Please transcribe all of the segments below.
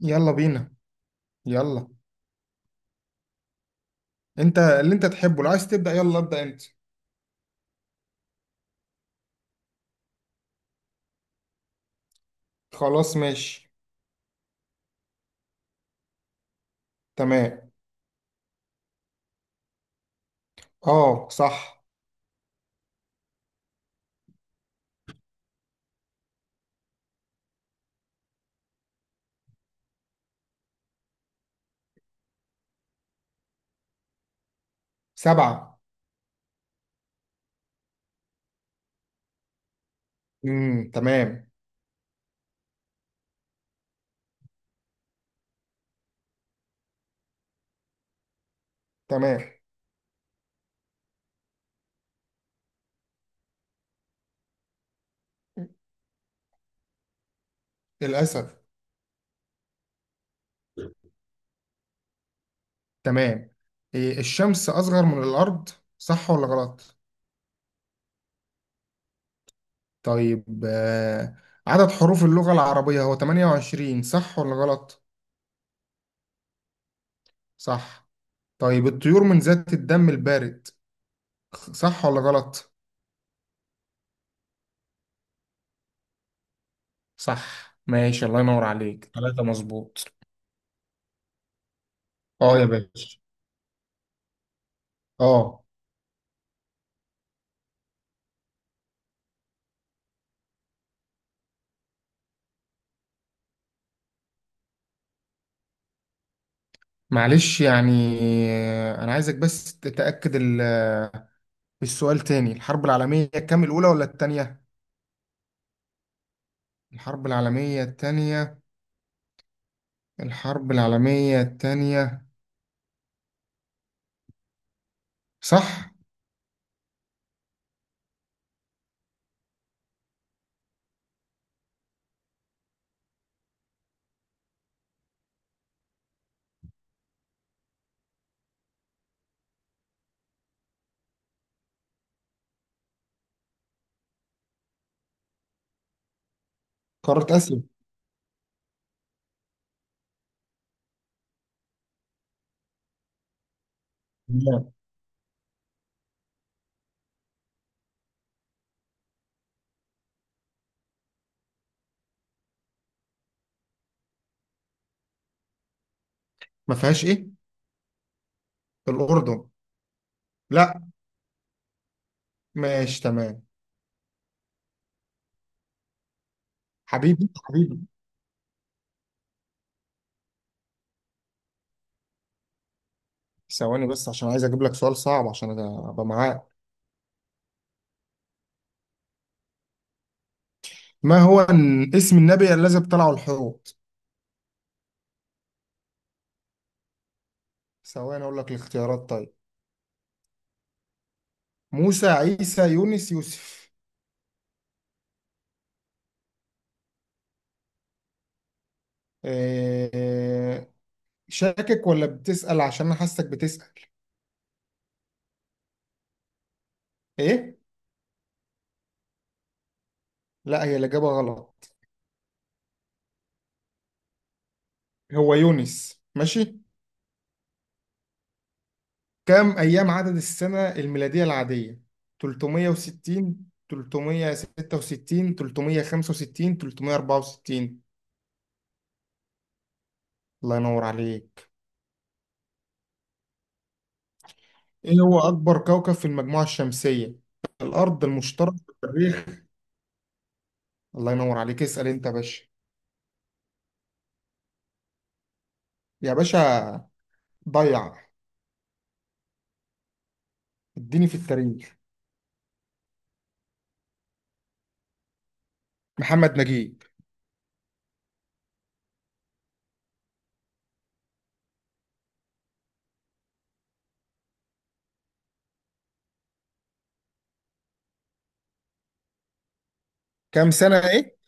يلا بينا يلا انت اللي تحبه، لو عايز تبدأ يلا ابدأ انت. خلاص ماشي. تمام. اه صح. سبعة. تمام. تمام. الأسد. تمام. إيه، الشمس أصغر من الأرض؟ صح ولا غلط؟ طيب عدد حروف اللغة العربية هو 28، صح ولا غلط؟ صح. طيب الطيور من ذات الدم البارد، صح ولا غلط؟ صح ماشي، الله ينور عليك، ثلاثة مظبوط. اه يا باشا. اه معلش يعني. انا عايزك بس تتأكد السؤال تاني، الحرب العالمية كام، الأولى ولا التانية؟ الحرب العالمية التانية الحرب العالمية التانية. صح. قارة آسيا. لا. ما فيهاش ايه؟ الأردن. لا. ماشي تمام. حبيبي. ثواني بس، عشان عايز اجيب لك سؤال صعب عشان ابقى معاك. ما هو، اسم النبي الذي ابتلعه الحوت؟ ثواني اقول لك الاختيارات، طيب، موسى، عيسى، يونس، يوسف. آه، شاكك ولا بتسأل؟ عشان انا حاسك بتسأل. ايه؟ لا هي الإجابة غلط، هو يونس. ماشي، كم أيام عدد السنة الميلادية العادية؟ 360، 366، 365، 364؟ الله ينور عليك. ايه هو أكبر كوكب في المجموعة الشمسية؟ الأرض، المشترك، التاريخ؟ الله ينور عليك، اسأل انت يا باشا. يا باشا ضيع، اديني في التاريخ. محمد نجيب. كم سنة ايه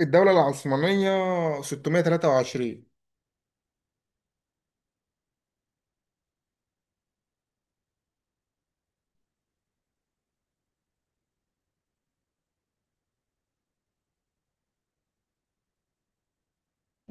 الدولة العثمانية؟ 623.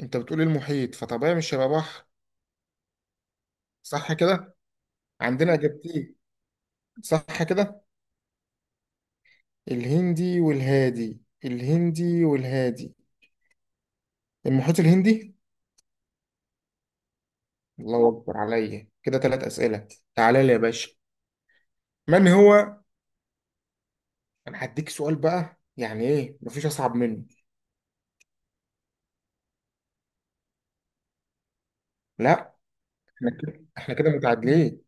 انت بتقول إيه، المحيط؟ فطبيعي مش هيبقى بحر. صح كده، عندنا اجابتين. صح كده، الهندي والهادي، المحيط الهندي. الله اكبر عليا، كده ثلاث اسئله. تعالى لي يا باشا. من هو؟ انا هديك سؤال بقى، يعني ايه مفيش اصعب منه. لا احنا كده متعادلين.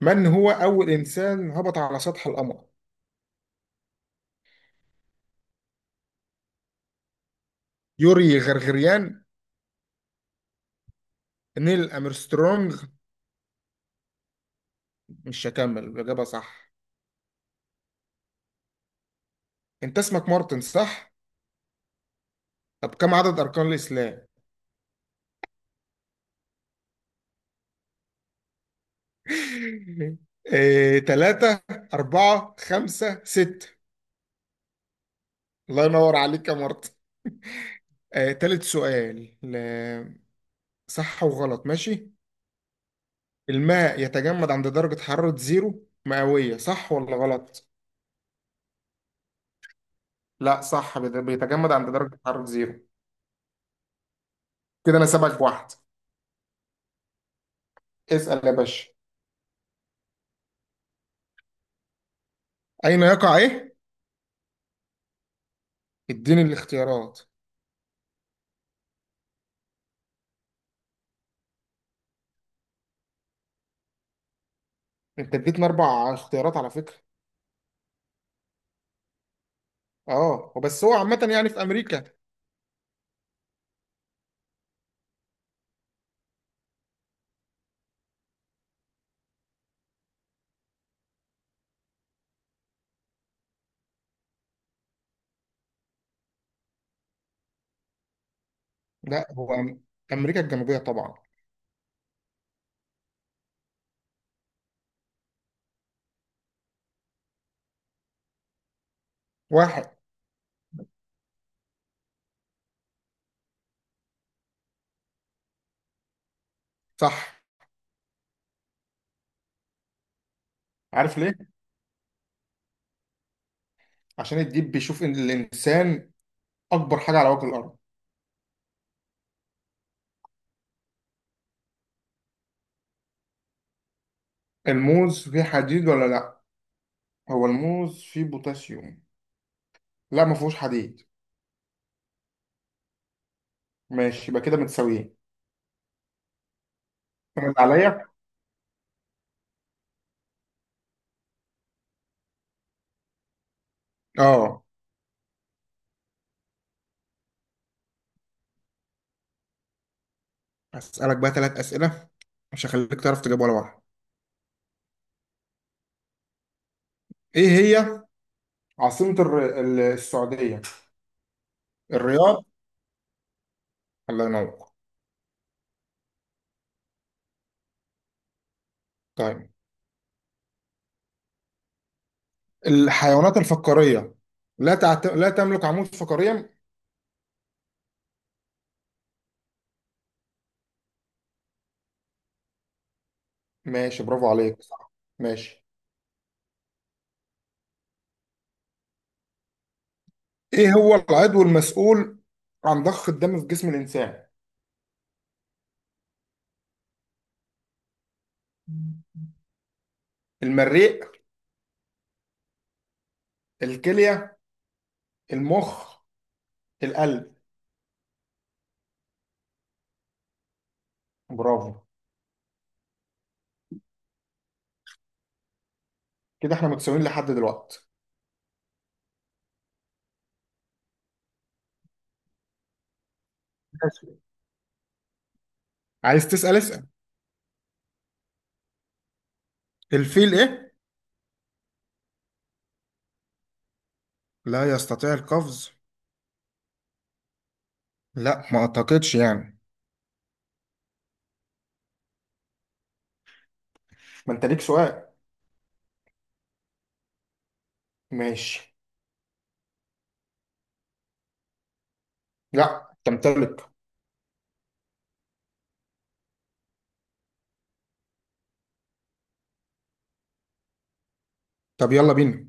من هو اول انسان هبط على سطح القمر؟ يوري غرغريان، نيل امسترونج؟ مش هكمل، الإجابة صح. أنت اسمك مارتن صح؟ طب كم عدد أركان الإسلام؟ إيه، تلاتة، أربعة، خمسة، ستة؟ الله ينور عليك يا مارتن. تالت سؤال صح وغلط، ماشي. الماء يتجمد عند درجة حرارة زيرو مئوية، صح ولا غلط؟ لا صح، بيتجمد عند درجة حرارة زيرو. كده أنا سابقك بواحد. اسأل يا باشا. أين يقع إيه؟ اديني الاختيارات. أنت اديتنا أربع اختيارات على فكرة. اه وبس، هو عامة يعني في أمريكا. لا هو أمريكا الجنوبية طبعا. واحد صح. عارف ليه؟ عشان الديب بيشوف إن الإنسان أكبر حاجة على وجه الأرض. الموز فيه حديد ولا لأ؟ هو الموز فيه بوتاسيوم، لا ما فيهوش حديد. ماشي، يبقى كده متساويين. فاهم عليا؟ اه. أسألك بقى ثلاث أسئلة، مش هخليك تعرف تجاوب ولا واحدة. إيه هي عاصمة السعودية؟ الرياض. الله ينور. طيب الحيوانات الفقارية لا تملك عمود فقري. ماشي برافو عليك، صح. ماشي. ايه هو العضو المسؤول عن ضخ الدم في جسم الانسان؟ المريء، الكلية، المخ، القلب؟ برافو. كده احنا متساويين لحد دلوقتي. ماشي. عايز تسأل اسأل. الفيل ايه؟ لا يستطيع القفز. لا ما اعتقدش يعني. ما انت ليك سؤال. ماشي. لا تمتلك. طب يلا بينا.